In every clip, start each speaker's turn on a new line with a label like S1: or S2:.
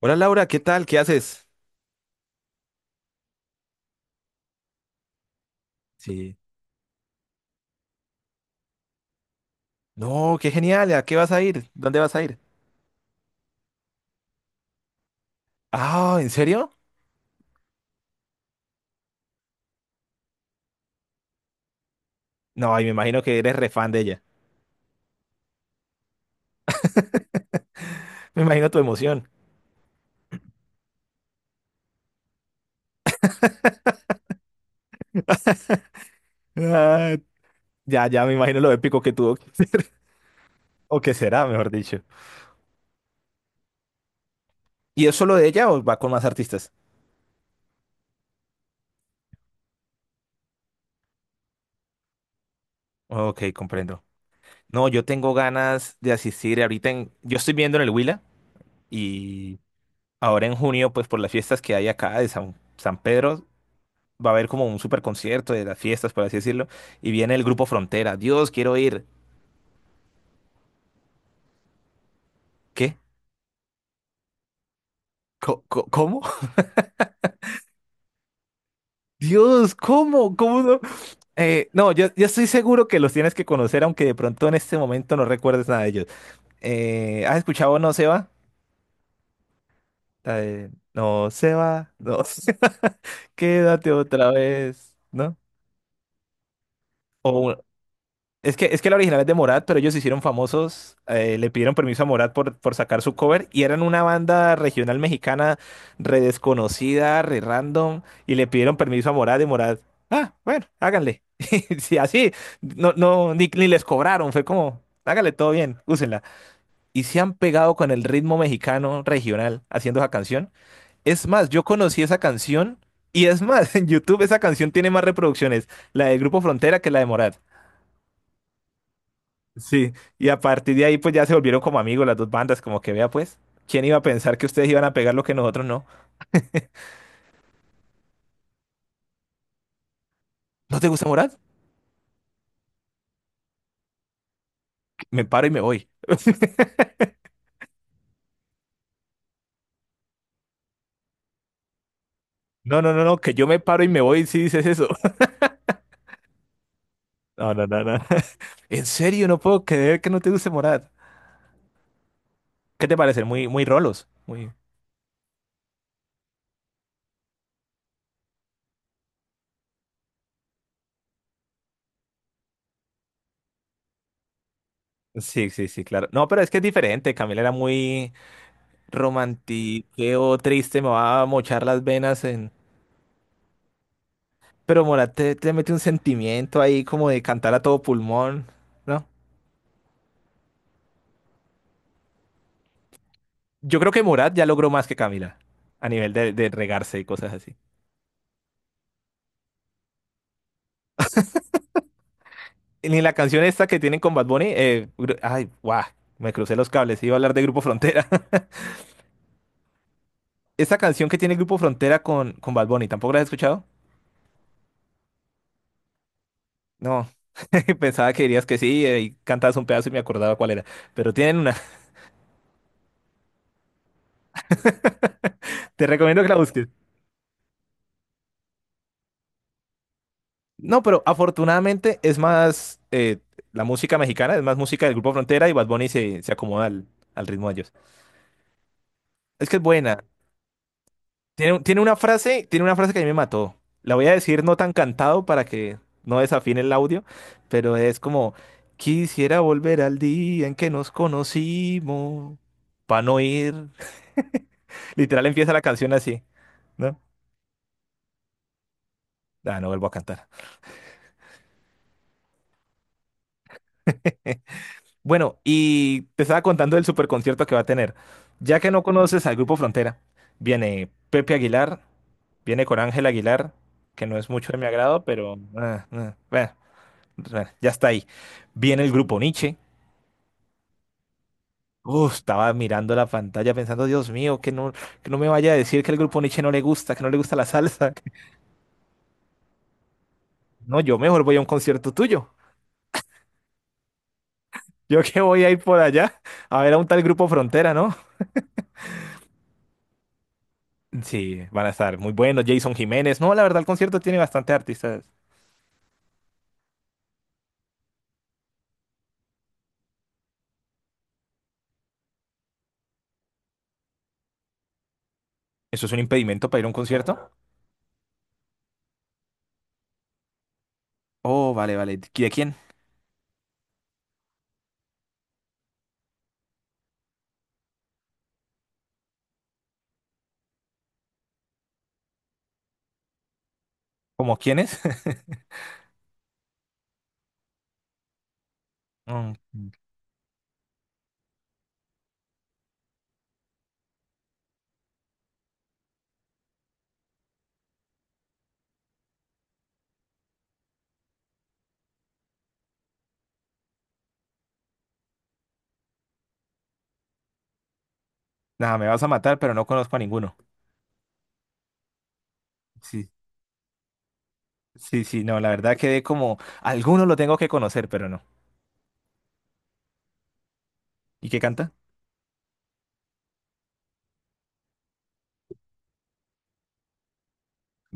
S1: Hola Laura, ¿qué tal? ¿Qué haces? Sí. No, qué genial. ¿A qué vas a ir? ¿Dónde vas a ir? Ah, ¿en serio? No, y me imagino que eres re fan de ella. Me imagino tu emoción. Ah, ya, ya, me imagino lo épico que tuvo. O que será, mejor dicho. ¿Y es solo de ella o va con más artistas? Ok, comprendo. No, yo tengo ganas de asistir ahorita en... Yo estoy viendo en el Huila y ahora en junio, pues por las fiestas que hay acá de San Pedro, va a haber como un super concierto de las fiestas, por así decirlo, y viene el grupo Frontera. Dios, quiero ir. ¿Qué? ¿Cómo? Dios, ¿cómo? ¿Cómo no? No, yo estoy seguro que los tienes que conocer, aunque de pronto en este momento no recuerdes nada de ellos. ¿Has escuchado No se va? La de, no se va, no se va, quédate otra vez, ¿no? O, es que, es que la original es de Morat, pero ellos se hicieron famosos, le pidieron permiso a Morat por sacar su cover, y eran una banda regional mexicana re desconocida, re random, y le pidieron permiso a Morat y Morat, ah, bueno, háganle. Sí, así, no, no, ni les cobraron, fue como, háganle todo bien, úsenla. Y se han pegado con el ritmo mexicano regional haciendo esa canción. Es más, yo conocí esa canción y es más, en YouTube esa canción tiene más reproducciones, la del Grupo Frontera que la de Morat. Sí, y a partir de ahí pues ya se volvieron como amigos las dos bandas, como que vea pues, ¿quién iba a pensar que ustedes iban a pegar lo que nosotros no? ¿No te gusta Morat? Me paro y me voy. No, no, no, no, que yo me paro y me voy si dices eso. No, no, no, no. En serio, no puedo creer que no te guste Morat. ¿Qué te parece? Muy, muy rolos. Muy... Sí, sí, sí, claro. No, pero es que es diferente. Camila era muy romantiqueo, triste, me va a mochar las venas en... Pero Morat te mete un sentimiento ahí como de cantar a todo pulmón, ¿no? Yo creo que Morat ya logró más que Camila a nivel de regarse y cosas así. Ni la canción esta que tienen con Bad Bunny, gru- ay, guau, me crucé los cables, iba a hablar de Grupo Frontera. Esta canción que tiene Grupo Frontera con Bad Bunny, ¿tampoco la has escuchado? No, pensaba que dirías que sí, y cantabas un pedazo y me acordaba cuál era, pero tienen una, te recomiendo que la busques. No, pero afortunadamente es más la música mexicana, es más música del Grupo Frontera y Bad Bunny se, se acomoda al, al ritmo de ellos. Es que es buena. Tiene, tiene una frase que a mí me mató. La voy a decir no tan cantado para que no desafine el audio, pero es como, quisiera volver al día en que nos conocimos, para no ir. Literal empieza la canción así, ¿no? Ah, no vuelvo a cantar. Bueno, y te estaba contando del superconcierto que va a tener. Ya que no conoces al Grupo Frontera, viene Pepe Aguilar, viene con Ángel Aguilar, que no es mucho de mi agrado, pero... bueno. Bueno, ya está ahí. Viene el grupo Nietzsche. Uf, estaba mirando la pantalla pensando, Dios mío, que no me vaya a decir que el grupo Nietzsche no le gusta, que no le gusta la salsa. No, yo mejor voy a un concierto tuyo. Yo que voy a ir por allá a ver a un tal grupo Frontera, ¿no? Sí, van a estar muy buenos. Jason Jiménez. No, la verdad, el concierto tiene bastante artistas. ¿Eso es un impedimento para ir a un concierto? Oh, vale, vale. ¿De quién? ¿Cómo quiénes? Mm, nada, me vas a matar, pero no conozco a ninguno. Sí, sí, sí, no, la verdad quedé como, alguno lo tengo que conocer, pero no. ¿Y qué canta?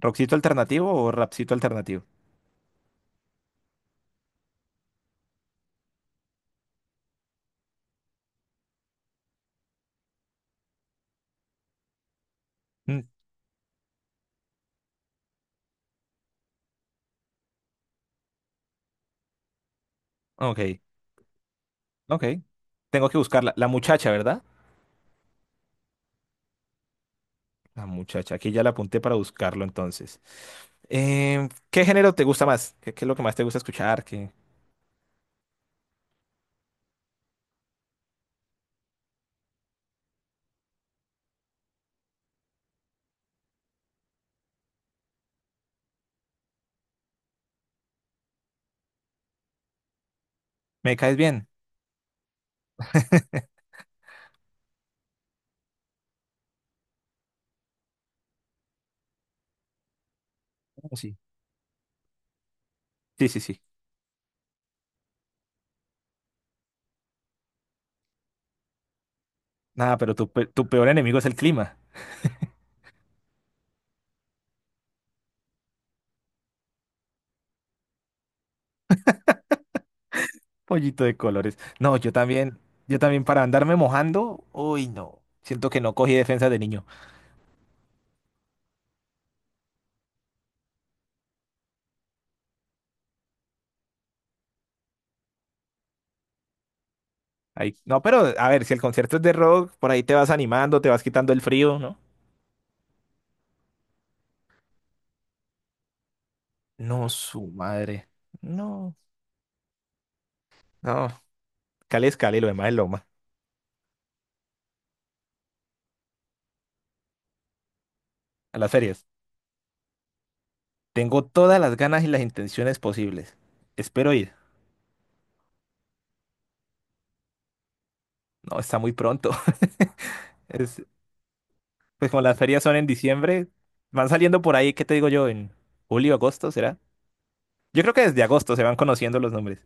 S1: ¿Rockcito alternativo o rapcito alternativo? Mm, ok, ok. Tengo que buscarla. La muchacha, ¿verdad? La muchacha, aquí ya la apunté para buscarlo entonces. Em, ¿qué género te gusta más? ¿Qué, qué es lo que más te gusta escuchar? ¿Qué? ¿Me caes bien? Oh, sí. Sí, sí, sí. Nada, pero tu, pe- tu peor enemigo es el clima. Pollito de colores. No, yo también para andarme mojando, uy, no. Siento que no cogí defensa de niño. Ahí- no, pero a ver, si el concierto es de rock, por ahí te vas animando, te vas quitando el frío, ¿no? No, su madre. No, no. Cali es Cali, lo demás es Loma. A las ferias. Tengo todas las ganas y las intenciones posibles. Espero ir. No, está muy pronto. Es, pues como las ferias son en diciembre, van saliendo por ahí, ¿qué te digo yo? En julio, agosto, ¿será? Yo creo que desde agosto se van conociendo los nombres.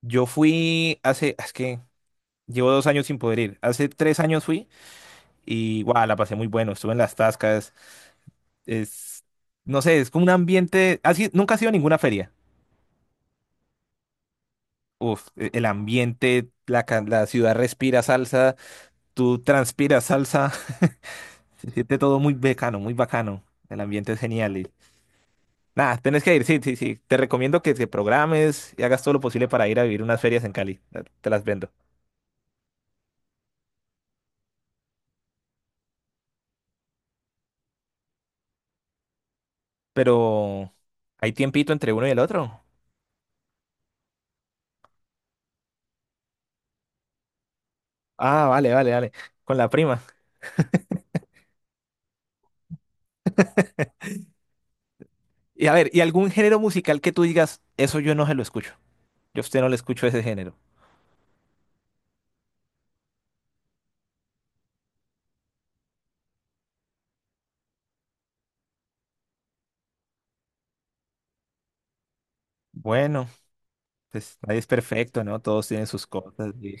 S1: Yo fui hace, es que llevo 2 años sin poder ir. Hace 3 años fui y, guau, la pasé muy bueno. Estuve en las tascas. Es, no sé, es como un ambiente. ¿Has ido- nunca has ido a ninguna feria? Uf, e- el ambiente, la, ca- la ciudad respira salsa, tú transpiras salsa. Se siente todo muy bacano, muy bacano. El ambiente es genial. Y- nada, tenés que ir, sí, sí, sí. Te recomiendo que te programes y hagas todo lo posible para ir a vivir unas ferias en Cali. Te las vendo. Pero hay tiempito entre uno y el otro. Ah, vale, vale, vale. Con la prima. Y a ver, ¿y algún género musical que tú digas, eso yo no se lo escucho? Yo a usted no le escucho ese género. Bueno. Pues nadie es perfecto, ¿no? Todos tienen sus cosas. Y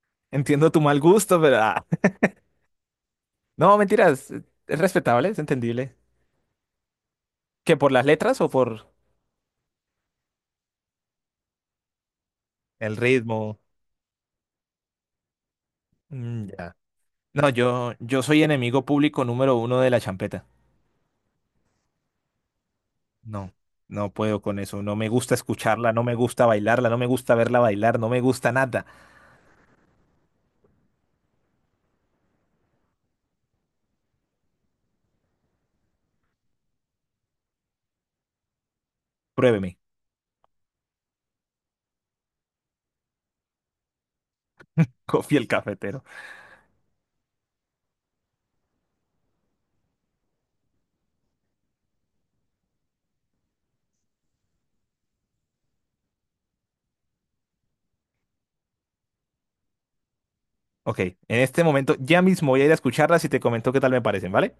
S1: entiendo tu mal gusto, pero... ah, no, mentiras. Es respetable, es entendible. ¿Que por las letras o por el ritmo? Mm, ya. No, yo soy enemigo público número uno de la champeta. No, no puedo con eso. No me gusta escucharla, no me gusta bailarla, no me gusta verla bailar, no me gusta nada. Pruébeme. Coffee el cafetero. Ok, en este momento ya mismo voy a ir a escucharlas y te comento qué tal me parecen, ¿vale?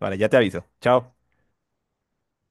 S1: Vale, ya te aviso. Chao.